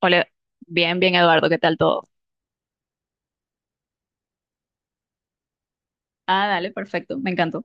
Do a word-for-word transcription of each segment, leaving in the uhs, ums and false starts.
Hola, bien, bien, Eduardo, ¿qué tal todo? Ah, dale, perfecto, me encantó.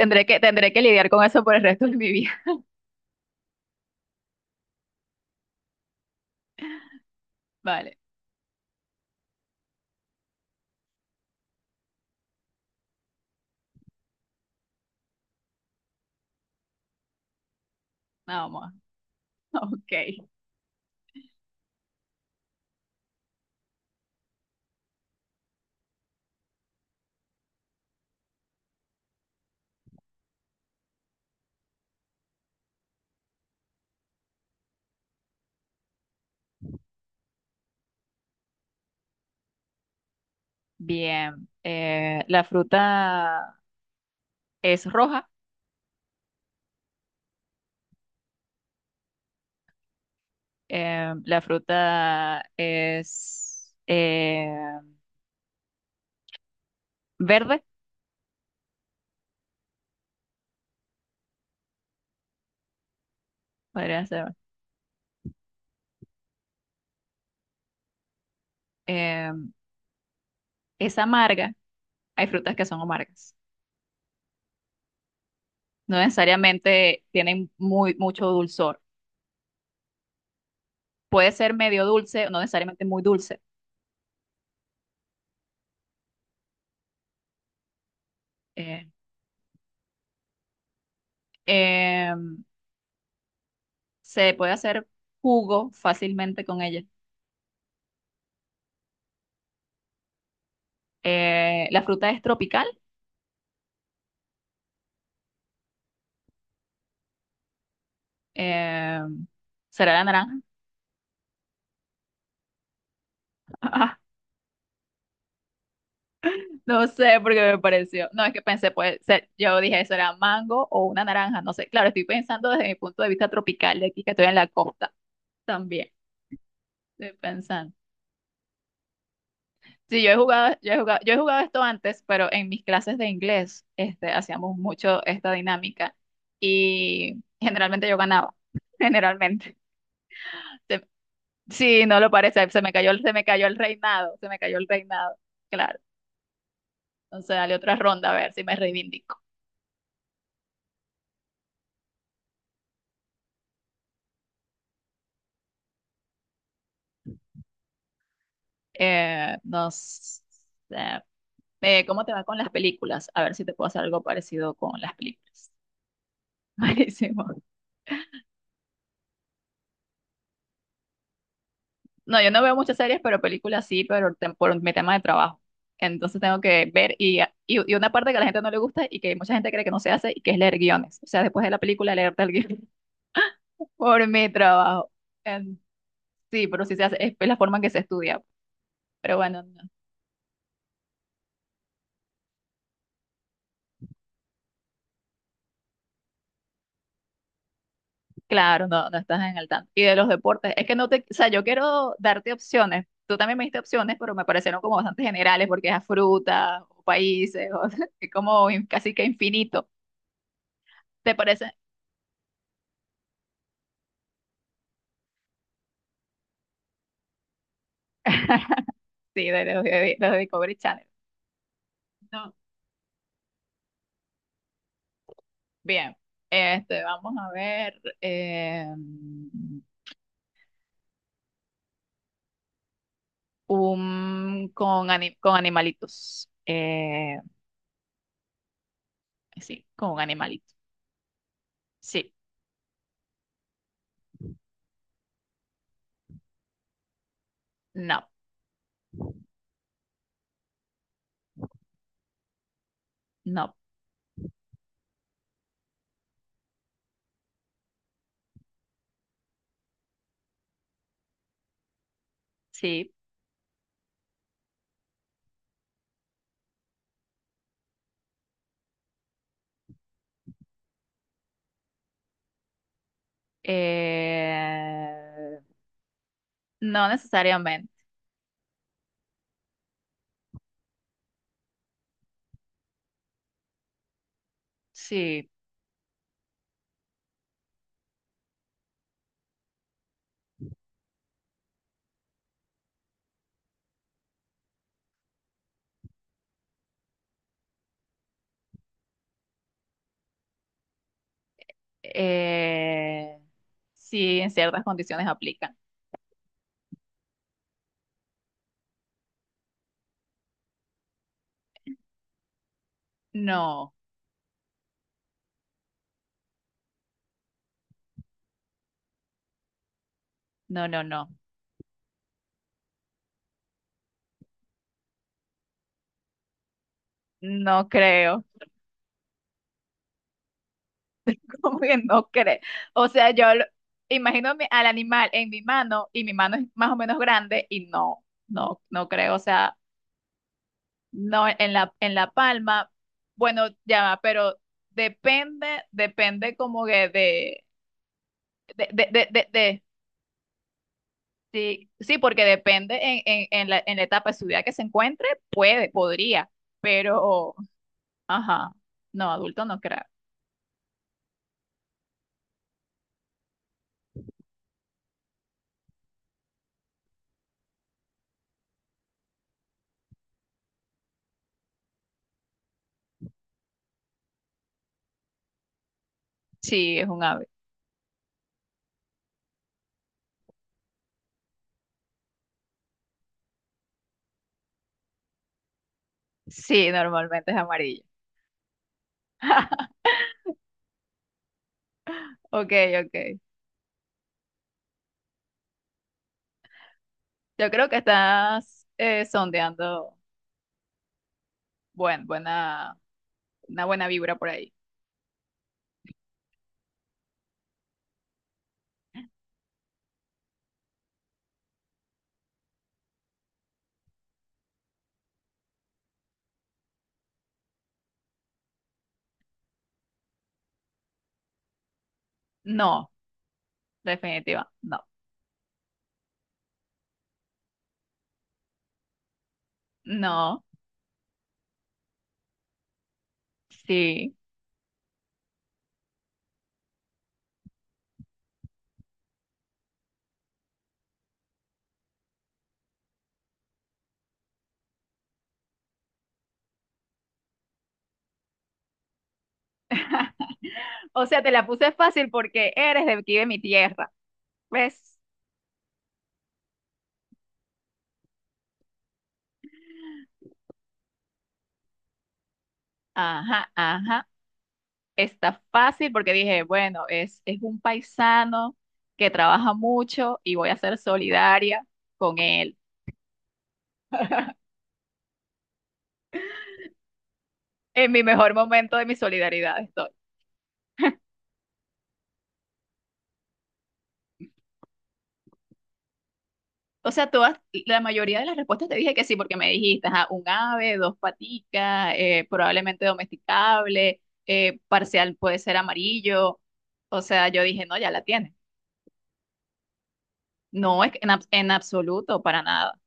Tendré que, tendré que lidiar con eso por el resto de mi vida. Vale, vamos. Ok. Bien. Eh, la fruta es roja. Eh, la fruta es eh, verde, podría ser. eh, es amarga. Hay frutas que son amargas. No necesariamente tienen muy, mucho dulzor. Puede ser medio dulce, no necesariamente muy dulce. eh, em, Se puede hacer jugo fácilmente con ella. Eh, la fruta es tropical. eh, ¿Será la naranja? No sé porque me pareció. No, es que pensé, puede ser. Yo dije, ¿será mango o una naranja? No sé. Claro, estoy pensando desde mi punto de vista tropical de aquí, que estoy en la costa también. Estoy pensando. Sí, yo he jugado, yo he jugado, yo he jugado esto antes, pero en mis clases de inglés, este, hacíamos mucho esta dinámica y generalmente yo ganaba. Generalmente. Sí, no lo parece, se me cayó, el- se me cayó el reinado, se me cayó el reinado, claro. Entonces, dale otra ronda a ver si me reivindico. Eh, no sé, eh, eh, ¿cómo te va con las películas? A ver si te puedo hacer algo parecido con las películas. Buenísimo. No, yo no veo muchas series, pero películas sí, pero tem- por mi tema de trabajo. Entonces tengo que ver y, y, y una parte que a la gente no le gusta y que mucha gente cree que no se hace y que es leer guiones. O sea, después de la película leerte el guión por mi trabajo. En- sí, pero sí se hace, es la forma en que se estudia. Pero bueno, no, claro, no, no estás en el tanto. Y de los deportes, es que no te, o sea, yo quiero darte opciones. Tú también me diste opciones, pero me parecieron como bastante generales porque es a frutas o países, o es como in- casi que infinito. ¿Te parece? Sí, de los de, los de Discovery Channel. No. Bien, este, vamos a ver eh, un con, ani- con animalitos. Eh, sí, con un animalito. Sí, no, no, sí. Eh, no necesariamente. Sí. Eh, sí, en ciertas condiciones aplican. No, no, no, no. No creo. ¿Cómo que no creo? O sea, yo lo- imagino mi- al animal en mi mano y mi mano es más o menos grande y no, no, no creo. O sea, no en la, en la palma. Bueno, ya va, pero depende, depende como que de, de, de, de, de, de- Sí, sí, porque depende en, en- en la, en la etapa de su vida que se encuentre, puede, podría, pero, ajá, no, adulto no creo. Sí, es un ave. Sí, normalmente es amarillo. Ok, ok. Yo creo que estás eh, sondeando buen, buena, una buena vibra por ahí. No, definitiva, no, no, sí. O sea, te la puse fácil porque eres de aquí de mi tierra, ¿ves? Ajá, ajá. Está fácil porque dije, bueno, es, es un paisano que trabaja mucho y voy a ser solidaria con él. En mi mejor momento de mi solidaridad estoy. O sea, todas, la mayoría de las respuestas te dije que sí, porque me dijiste, ajá, un ave, dos paticas, eh, probablemente domesticable, eh, parcial puede ser amarillo. O sea, yo dije, no, ya la tiene. No, es que en, abs- en absoluto, para nada.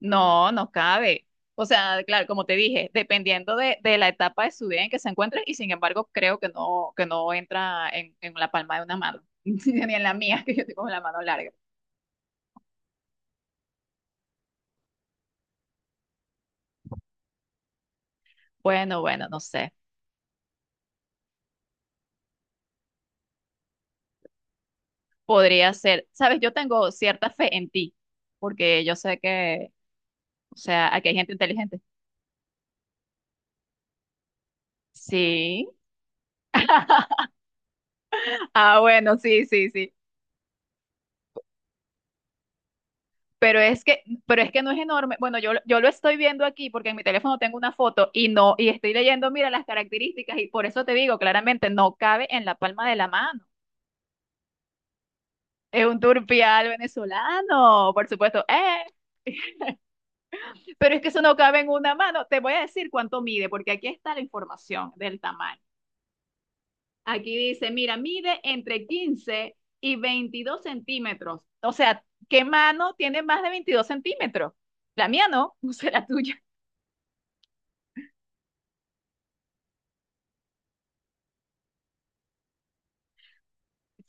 No, no cabe. O sea, claro, como te dije, dependiendo de, de la etapa de su vida en que se encuentre, y sin embargo, creo que no, que no entra en, en la palma de una mano, ni en la mía, que yo tengo la mano larga. Bueno, bueno, no sé. Podría ser. Sabes, yo tengo cierta fe en ti, porque yo sé que, o sea, aquí hay gente inteligente. Sí. Ah, bueno, sí, sí, sí. Pero es que, pero es que no es enorme. Bueno, yo, lo- yo lo estoy viendo aquí porque en mi teléfono tengo una foto y no, y estoy leyendo, mira, las características, y por eso te digo, claramente no cabe en la palma de la mano. Es un turpial venezolano, por supuesto. ¡Eh! Pero es que eso no cabe en una mano. Te voy a decir cuánto mide, porque aquí está la información del tamaño. Aquí dice, mira, mide entre quince y veintidós centímetros. O sea, ¿qué mano tiene más de veintidós centímetros? La mía no, o sea, la tuya.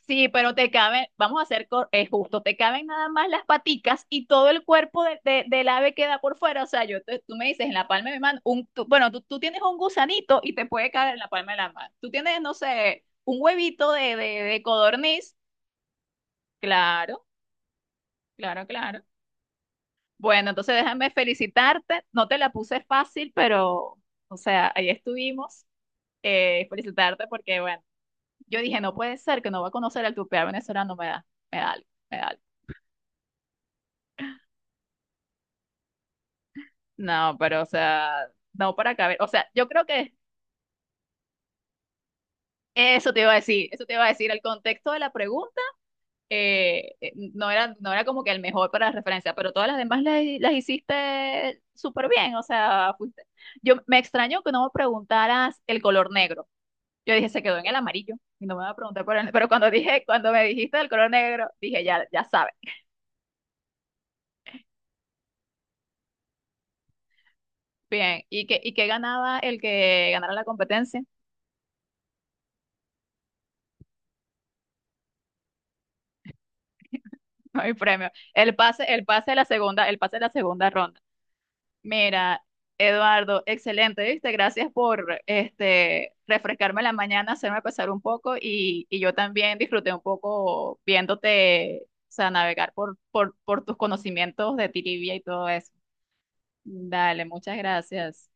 Sí, pero te caben, vamos a hacer cor- eh, justo, te caben nada más las paticas y todo el cuerpo de- de- del ave queda por fuera. O sea, yo te- tú me dices en la palma de mi mano, un, tú- bueno, tú, tú tienes un gusanito y te puede caer en la palma de la mano. Tú tienes, no sé, un huevito de, de, de codorniz. Claro, claro, claro. Bueno, entonces déjame felicitarte. No te la puse fácil, pero, o sea, ahí estuvimos. Eh, felicitarte porque, bueno, yo dije, no puede ser que no va a conocer al tupé venezolano, me da, me da algo, me da algo. No, pero o sea, no para caber. O sea, yo creo que eso te iba a decir, eso te iba a decir. El contexto de la pregunta eh, eh, no era, no era como que el mejor para referencia, pero todas las demás las, las hiciste súper bien. O sea, fuiste- yo me extraño que no me preguntaras el color negro. Yo dije, se quedó en el amarillo y no me va a preguntar por el- pero cuando dije, cuando me dijiste el color negro, dije, ya, ya sabes. Bien, ¿y qué, ¿y qué ganaba el que ganara la competencia? No hay premio. El pase, el pase de la segunda, el pase de la segunda ronda. Mira, Eduardo, excelente, ¿viste? Gracias por este, refrescarme la mañana, hacerme pasar un poco y, y yo también disfruté un poco viéndote, o sea, navegar por, por, por tus conocimientos de trivia y todo eso. Dale, muchas gracias.